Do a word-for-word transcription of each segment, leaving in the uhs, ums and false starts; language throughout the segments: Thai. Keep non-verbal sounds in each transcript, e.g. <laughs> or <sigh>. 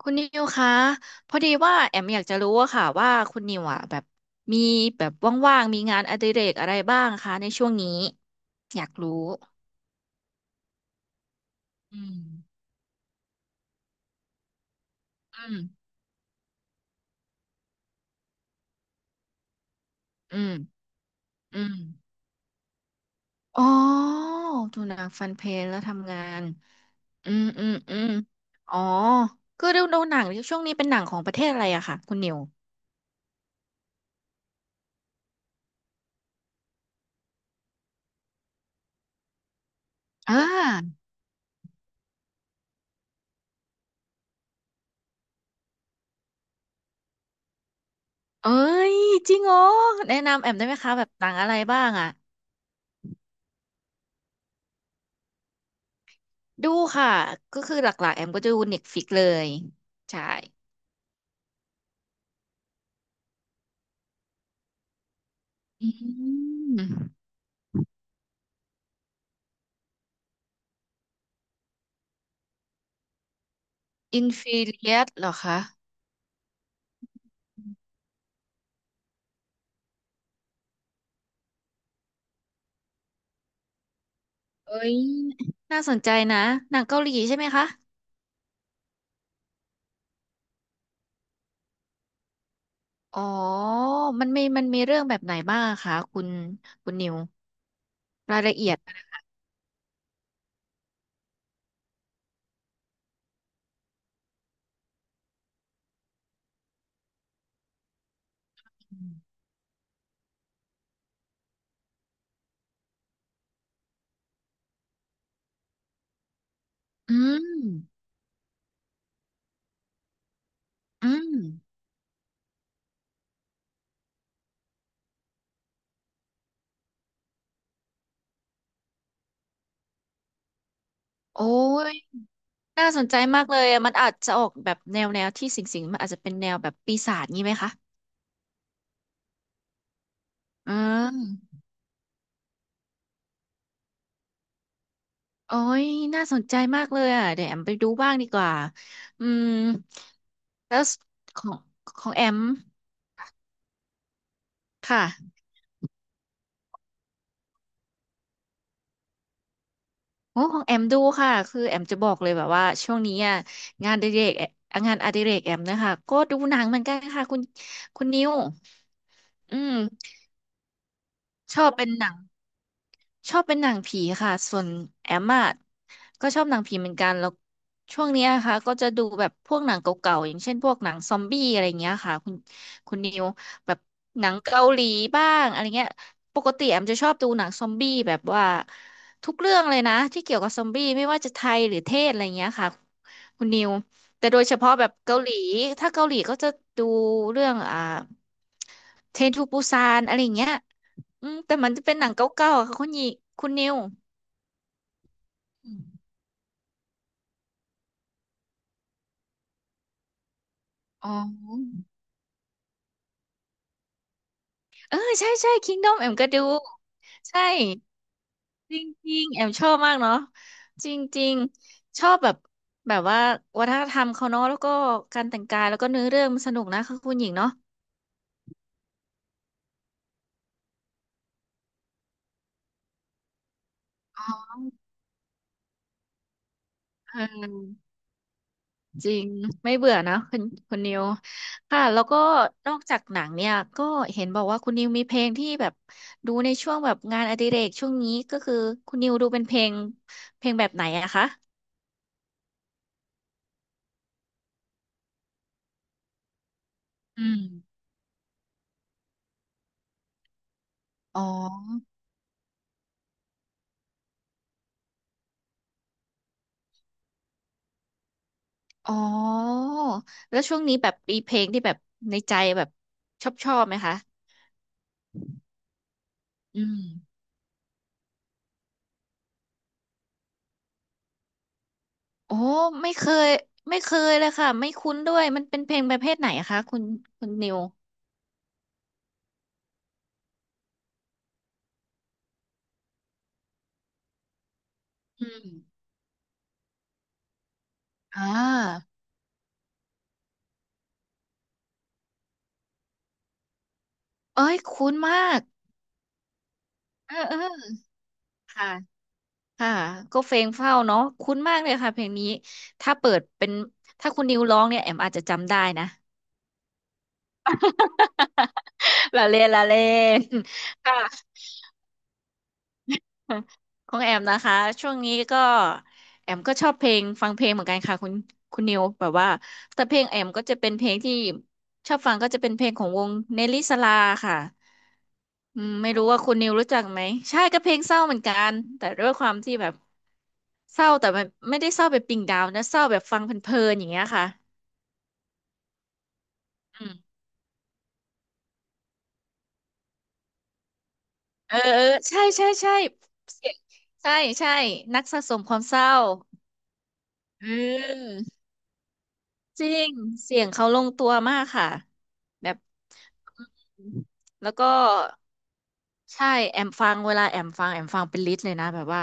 คุณนิวคะพอดีว่าแอมอยากจะรู้อะค่ะว่าคุณนิวอะแบบมีแบบว่างๆมีงานอดิเรกอะไรบ้างคะในช่วงนี้อยากรู้อืมอืมอืมอืมอ๋อดูหนังฟันเพลงแล้วทำงานอืมอืมอืมอ๋อคือดูดูหนังช่วงนี้เป็นหนังของประเทศอะไรอะค่ะคุณนิวอ่าเอ้ยจริงเหรอแนะนำแอมได้ไหมคะแบบหนังอะไรบ้างอะ ดูค่ะก็คือหลักๆแอมก็จะดูเน็ตฟิกเลยใช่อืมอินฟิเลียสเหรอคะเอ้ยน่าสนใจนะหนังเกาหลีใช่ไหมคะอ๋อมันมีมันมีเรื่องแบบไหนบ้างอะคะคุณคุณนิวรายละเอียดนะคะอืมอืมโอ้ยน่าสนใจมากเลยอะมันอาจจะออกแบบแนวแนวที่สิงสิงมันอาจจะเป็นแนวแบบปีศาจงี้ไหมคะอืม โอ้ยน่าสนใจมากเลยอ่ะเดี๋ยวแอมไปดูบ้างดีกว่าอืมแล้วของของแอมค่ะโอ้ของแอมดูค่ะคือแอมจะบอกเลยแบบว่าช่วงนี้อ่ะงานอดิเรกแอมงานอดิเรกแอมนะคะก็ดูหนังเหมือนกันค่ะคุณคุณนิวอืมชอบเป็นหนัง ชอบเป็นหนังผีค่ะส่วนแอมอะก็ชอบหนังผีเหมือนกันแล้วช่วงเนี้ยค่ะก็จะดูแบบพวกหนังเก่าๆอย่างเช่นพวกหนังซอมบี้อะไรเงี้ยค่ะคุณคุณนิวแบบหนังเกาหลีบ้างอะไรเงี้ยปกติแอมจะชอบดูหนังซอมบี้แบบว่าทุกเรื่องเลยนะที่เกี่ยวกับซอมบี้ไม่ว่าจะไทยหรือเทศอะไรเงี้ยค่ะคุณนิวแต่โดยเฉพาะแบบเกาหลีถ้าเกาหลีก็จะดูเรื่องอ่าเทรนทูปูซานอะไรเงี้ย อืมแต่มันจะเป็นหนังเก่าๆอะค่ะคุณหญิงคุณนิวอืมอ๋อเออใช่ใช่ Kingdom แอมก็ดูใช่จริงๆแอมชอบมากเนาะจริงๆชอบแบบแบบว่าวัฒนธรรมเขาเนาะแล้วก็การแต่งกายแล้วก็เนื้อเรื่องมันสนุกนะคะคุณหญิงเนาะเออ จริงไม่เบื่อนะคุณคุณนิวค่ะแล้วก็นอกจากหนังเนี่ยก็เห็นบอกว่าคุณนิวมีเพลงที่แบบดูในช่วงแบบงานอดิเรกช่วงนี้ก็คือคุณนิวดูเป็นเพลงเพลงแบบไหนอะคะอืมอ๋ออ๋อแล้วช่วงนี้แบบมีเพลงที่แบบในใจแบบชอบชอบไหมคะอืมโอ้ไม่เคยไม่เคยเลยค่ะไม่คุ้นด้วยมันเป็นเพลงประเภทไหนคะคุณคุณนิวอืมอ่าเอ้ยคุ้นมากเออเออ ค่ะ ค่ะ ก็เพลงเฝ้าเนาะคุ้นมากเลยค่ะเพลงนี้ ถ้าเปิดเป็น ถ้าคุณนิวร้องเนี่ยแอมอาจจะจำได้นะ <laughs> ละเล่นละเล่นค่ะ <laughs> ของแอมนะคะช่วงนี้ก็แอมก็ชอบเพลงฟังเพลงเหมือนกันค่ะคุณคุณนิวแบบว่าแต่เพลงแอมก็จะเป็นเพลงที่ชอบฟังก็จะเป็นเพลงของวงเนลลี่สลาค่ะอืมไม่รู้ว่าคุณนิวรู้จักไหมใช่ก็เพลงเศร้าเหมือนกันแต่ด้วยความที่แบบเศร้าแต่มันไม่ได้เศร้าแบบดิ่งดาวนะเศร้าแบบฟังเพลินๆอย่างเงี้ยค่ะอืมเออเออใช่ใช่ใช่เสียงใช่ใช่นักสะสมความเศร้าเออ จริงเสียงเขาลงตัวมากค่ะแบบอืมแล้วก็ใช่แอมฟังเวลาแอมฟังแอมฟังเป็นลิสต์เลยนะแบบว่า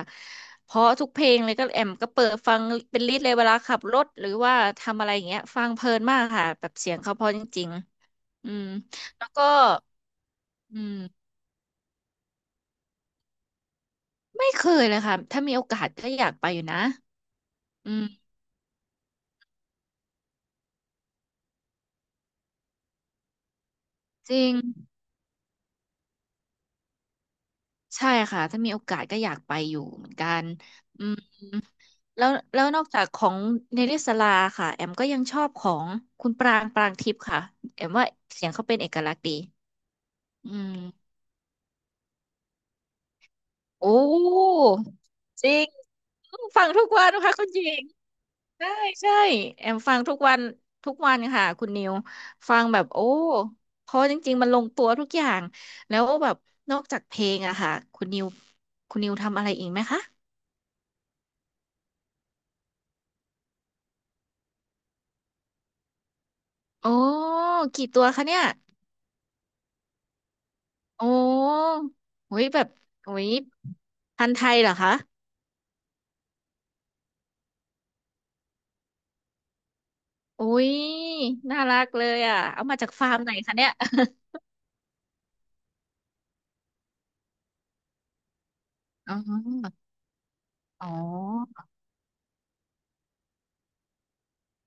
เพราะทุกเพลงเลยก็แอมก็เปิดฟังเป็นลิสต์เลยเวลาขับรถหรือว่าทำอะไรอย่างเงี้ยฟังเพลินมากค่ะแบบเสียงเขาเพราะจริงๆอืมแล้วก็อืมไม่เคยเลยค่ะถ้ามีโอกาสก็อยากไปอยู่นะอืมจริงใช่ค่ะถ้ามีโอกาสก็อยากไปอยู่เหมือนกันอืม แล้วแล้วนอกจากของเนลิสลาค่ะแอมก็ยังชอบของคุณปรางปรางทิพย์ค่ะแอมว่าเสียงเขาเป็นเอกลักษณ์ดี อืม โอ้จริงฟังทุกวันนะคะคุณหญิงใช่ใช่แอมฟังทุกวันทุกวันค่ะคุณนิวฟังแบบโอ้เพราะจริงๆมันลงตัวทุกอย่างแล้วแบบนอกจากเพลงอะค่ะคุณนิวคุณนิวทำอะไรอีกไหมคะโอ้กี่ตัวคะเนี่ยโอ้โหยแบบโอ้ย พันธุ์ไทยเหรอคะอุ้ยน่ารักเลยอ่ะเอามาจากฟาร์มไหนคะเนี่ย <laughs> อ๋ออ๋อ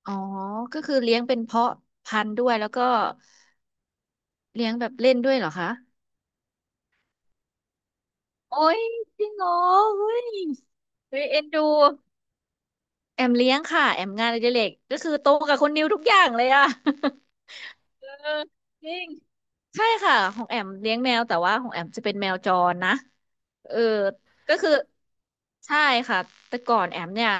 อ๋อก็คือเลี้ยงเป็นเพาะพันธุ์ด้วยแล้วก็เลี้ยงแบบเล่นด้วยเหรอคะโอ้ยจริงเหรอเฮ้ยเฮ้ยเอ็นดูแอมเลี้ยงค่ะแอมงานอดิเรกก็คือโตกับคนนิวทุกอย่างเลยอ่ะ <laughs> เออจริงใช่ค่ะของแอมเลี้ยงแมวแต่ว่าของแอมจะเป็นแมวจรนะ เออ ก็คือใช่ค่ะแต่ก่อนแอมเนี่ย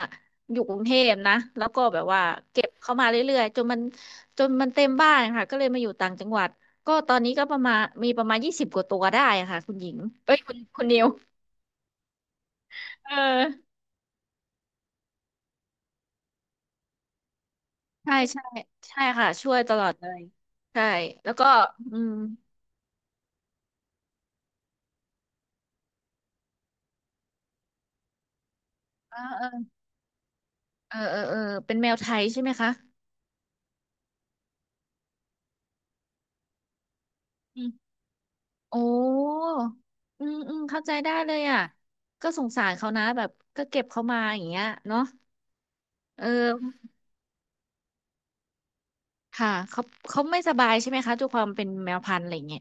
อยู่กรุงเทพนะแล้วก็แบบว่าเก็บเข้ามาเรื่อยๆจนมันจนมันเต็มบ้านค่ะก็เลยมาอยู่ต่างจังหวัดก็ตอนนี้ก็ประมาณมีประมาณยี่สิบกว่าตัวได้ค่ะคุณหญิงเอ้ยคุณคุณนิวเออใช่ใช่ใช่ค่ะช่วยตลอดเลยใช่แล้วก็อืมเออเออเออเออเออเป็นแมวไทยใช่ไหมคะ โอ้อืมอืมเข้าใจได้เลยอ่ะ ก็สงสารเขานะแบบก็เก็บเขามาอย่างเงี้ยเนาะเออค่ะเขาเขาไม่สบายใช่ไหมคะด้วยความเป็นแมวพันธุ์อะไรเงี้ย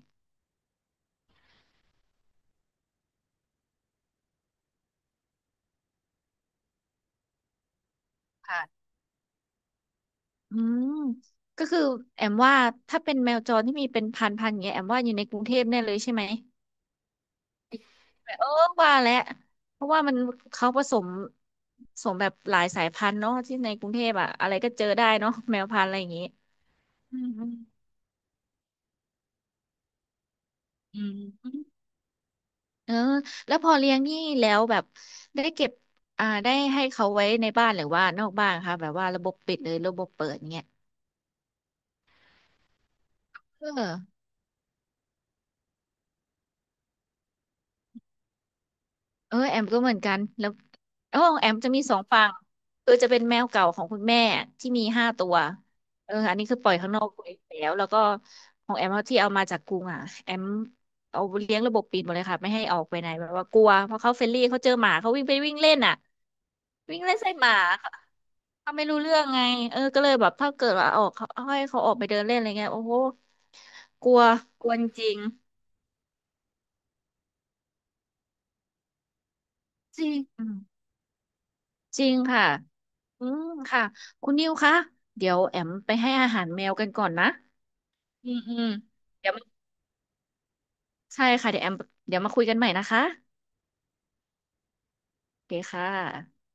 ค่ะอืมก็คือแอมว่าถ้าเป็นแมวจรที่มีเป็นพันพันอย่างเงี้ยแอมว่าอยู่ในกรุงเทพแน่เลยใช่ไหมเออว่าแหละเพราะว่ามันเขาผสมผสมแบบหลายสายพันธุ์เนาะที่ในกรุงเทพอะอะไรก็เจอได้เนาะแมวพันธุ์อะไรอย่างงี้อืมอืมอืม เออแล้วพอเลี้ยงนี่แล้วแบบได้เก็บอ่าได้ให้เขาไว้ในบ้านหรือว่านอกบ้านคะแบบว่าระบบปิดหรือระบบเปิดเงี้ยเออเออแอมก็เหมือนกันแล้วโอ้แอมจะมีสองฝั่งคือจะเป็นแมวเก่าของคุณแม่ที่มีห้าตัวเอออันนี้คือปล่อยข้างนอกไปแล้วแล้วก็ของแอมที่เอามาจากกรุงอ่ะแอมเอาเลี้ยงระบบปิดหมดเลยค่ะไม่ให้ออกไปไหนแบบว่ากลัวเพราะเขาเฟรนลี่เขาเจอหมาเขาวิ่งไปวิ่งเล่นอ่ะวิ่งเล่นใส่หมา เขาไม่รู้เรื่องไง เออก็เลยแบบถ้าเกิดว่าออกเขาให้เขาออกไปเดินเล่นอะไรเงี้ยโอ้โห กลัวกลัวจริง จริงอืมจริงค่ะ อืมค่ะ คุณนิวคะ เดี๋ยวแอมไปให้อาหารแมวกันก่อนนะอืมอืมเดี๋ยวมาใช่ค่ะเดี๋ยวแอมเดี๋ยวมาคุยกันใหม่นะคะโอเคค่ะ